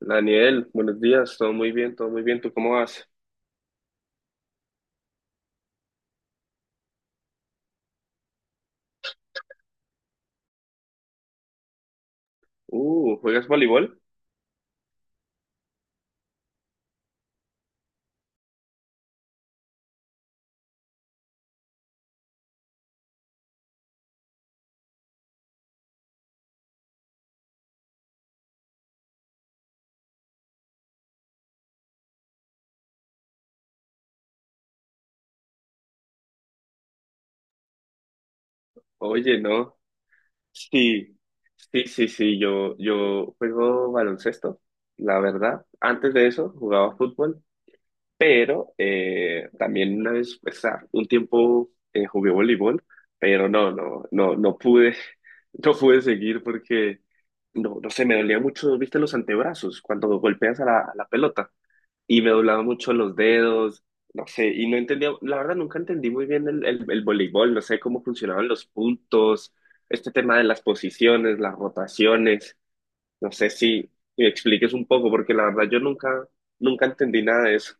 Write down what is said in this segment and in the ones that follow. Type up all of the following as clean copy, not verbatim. Daniel, buenos días, todo muy bien, ¿tú cómo vas? ¿Juegas voleibol? Oye, no. Sí, sí, sí, sí, yo juego baloncesto, la verdad. Antes de eso jugaba fútbol, pero también una vez, o sea, un tiempo jugué voleibol, pero no, no, no, no pude, no pude seguir porque, no, no sé, me dolía mucho, viste, los antebrazos cuando golpeas a la pelota. Y me doblaba mucho los dedos, no sé, y no entendía, la verdad nunca entendí muy bien el voleibol, no sé cómo funcionaban los puntos, este tema de las posiciones, las rotaciones, no sé si me expliques un poco, porque la verdad yo nunca, nunca entendí nada de eso.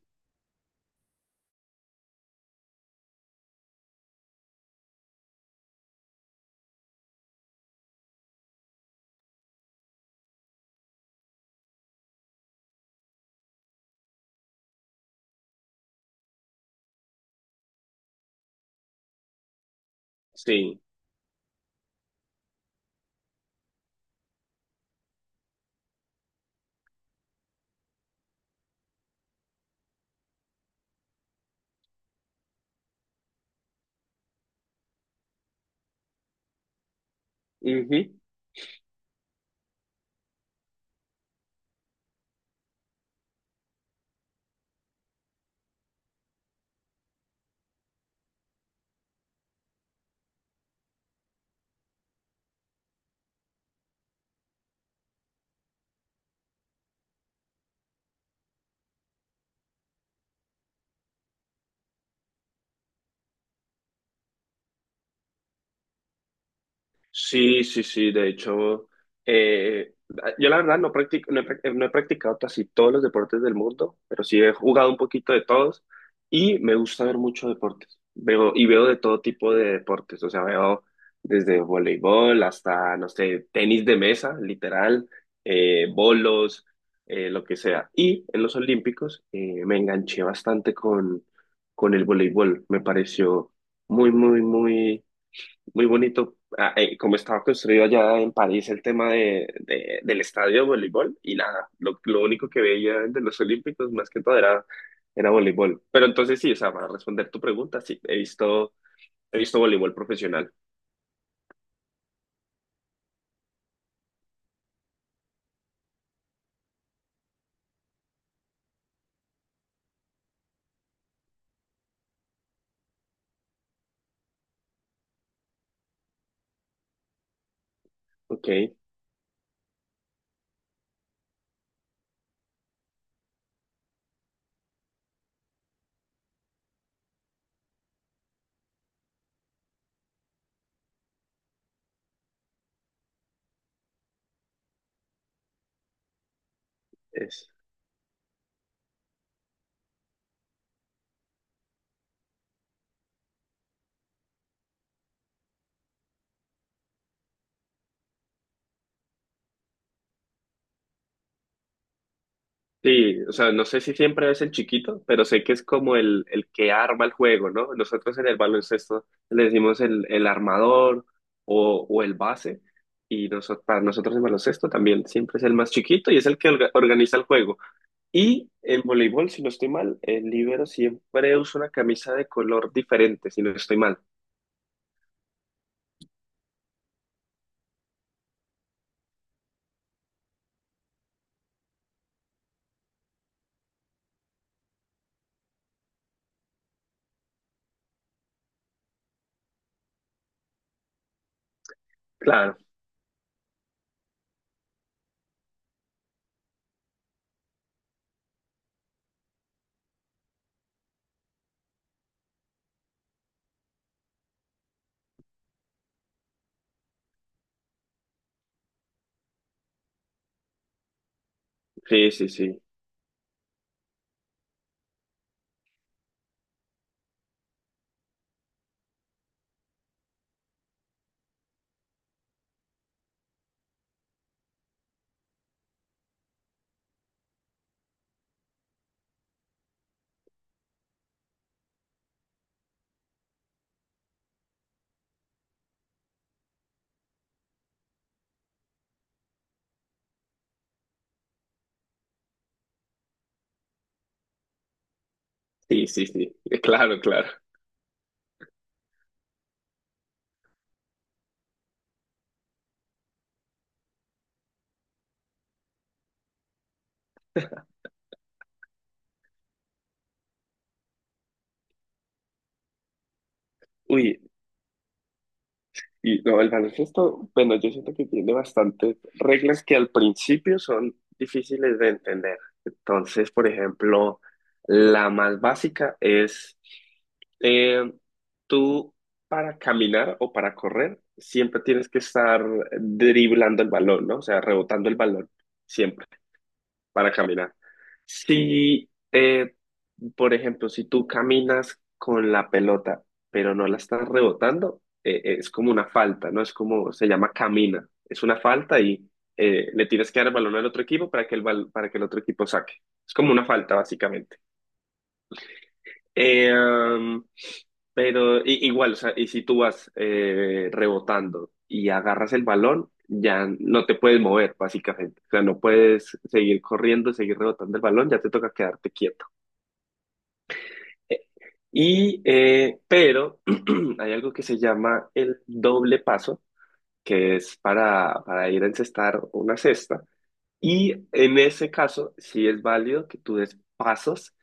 Sí. Ujú. Sí, sí, sí, de hecho, eh, yo la verdad no no he practicado casi todos los deportes del mundo, pero sí he jugado un poquito de todos y me gusta ver muchos deportes. Veo, y veo de todo tipo de deportes, o sea, veo desde voleibol hasta, no sé, tenis de mesa, literal, bolos, lo que sea. Y en los Olímpicos me enganché bastante con el voleibol, me pareció muy, muy, muy muy bonito, como estaba construido allá en París el tema del estadio de voleibol y nada, lo único que veía de los Olímpicos más que todo era, era voleibol. Pero entonces sí, o sea, para responder tu pregunta, sí, he visto voleibol profesional. Ok. Sí, o sea, no sé si siempre es el chiquito, pero sé que es como el que arma el juego, ¿no? Nosotros en el baloncesto le decimos el armador o el base, y nosotros, para nosotros en baloncesto también siempre es el más chiquito y es el que organiza el juego. Y en voleibol, si no estoy mal, el libero siempre usa una camisa de color diferente, si no estoy mal. Claro, sí, sí, sí, sí, sí, sí, claro, claro. Uy. Y no, el baloncesto, bueno, yo siento que tiene bastantes reglas que al principio son difíciles de entender. Entonces, por ejemplo, la más básica es eh, tú para caminar o para correr siempre tienes que estar driblando el balón, ¿no? O sea, rebotando el balón, siempre para caminar. Si, eh, por ejemplo, si tú caminas con la pelota, pero no la estás rebotando, es como una falta, ¿no? Es como, se llama camina. Es una falta y le tienes que dar el balón al otro equipo para que para que el otro equipo saque. Es como una falta, básicamente. Eh, um, pero igual, o sea, y si tú vas rebotando y agarras el balón, ya no te puedes mover, básicamente. O sea, no puedes seguir corriendo, seguir rebotando el balón, ya te toca quedarte quieto. Eh, pero hay algo que se llama el doble paso, que es para ir a encestar una cesta. Y en ese caso, sí es válido que tú des pasos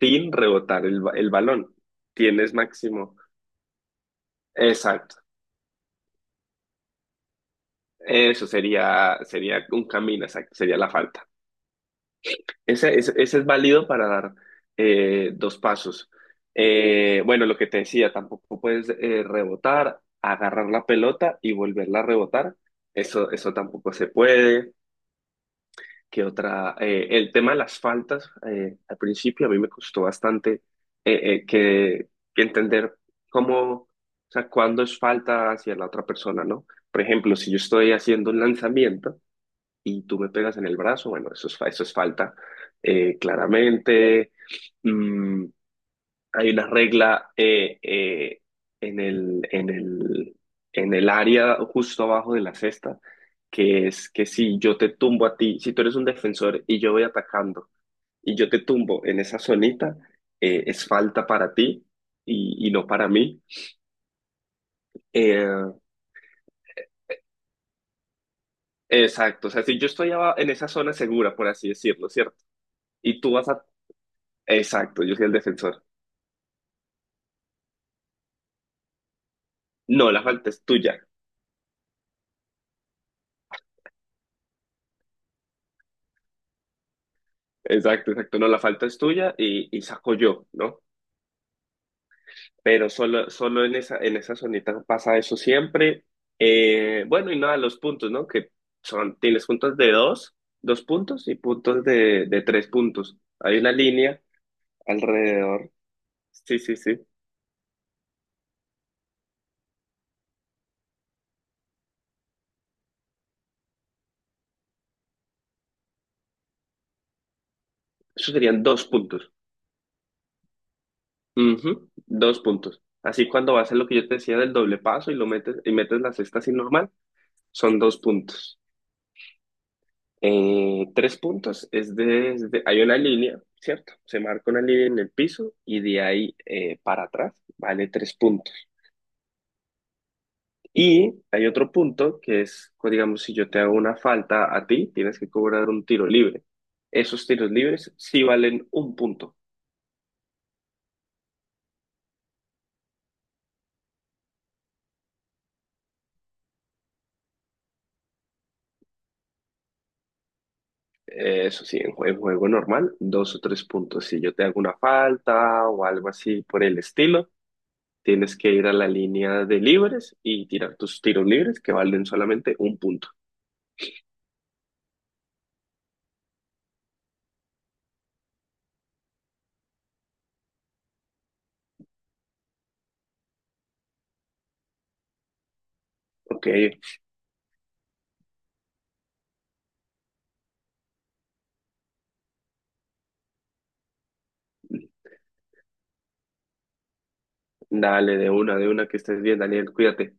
sin rebotar el balón. Tienes máximo. Exacto. Eso sería, sería un camino, exacto, sería la falta. Ese es válido para dar dos pasos. Bueno, lo que te decía, tampoco puedes rebotar, agarrar la pelota y volverla a rebotar. Eso tampoco se puede. ¿Qué otra? El tema de las faltas, al principio a mí me costó bastante eh, eh, que, que entender cómo, o sea, cuándo es falta hacia la otra persona, ¿no? Por ejemplo, si yo estoy haciendo un lanzamiento, y tú me pegas en el brazo, bueno, eso es, eso es falta, claramente. Mm, Hay una regla en el, en el, en el área justo abajo de la cesta, que es que si yo te tumbo a ti, si tú eres un defensor y yo voy atacando y yo te tumbo en esa zonita, es falta para ti y no para mí. Eh, exacto, o sea, si yo estoy en esa zona segura, por así decirlo, ¿cierto? Y tú vas a... Exacto, yo soy el defensor. No, la falta es tuya. Exacto, exacto. No, la falta es tuya y saco yo, ¿no? Pero solo, solo en esa zonita pasa eso siempre. Bueno, y nada, los puntos, ¿no? Que son, tienes puntos de dos, dos puntos y puntos de tres puntos. Hay una línea alrededor. Sí, sí, sí. Eso serían dos puntos. Ujú. Dos puntos. Así cuando vas a lo que yo te decía del doble paso y lo metes, y metes la cesta así normal, son dos puntos. Tres puntos es desde, hay una línea, ¿cierto? Se marca una línea en el piso y de ahí para atrás vale tres puntos. Y hay otro punto que es, pues, digamos, si yo te hago una falta a ti, tienes que cobrar un tiro libre. Esos tiros libres sí valen un punto. Eso sí, en en juego, normal, dos o tres puntos. Si yo te hago una falta o algo así por el estilo, tienes que ir a la línea de libres y tirar tus tiros libres que valen solamente un punto. Ok. Dale, de una, que estés bien, Daniel, cuídate.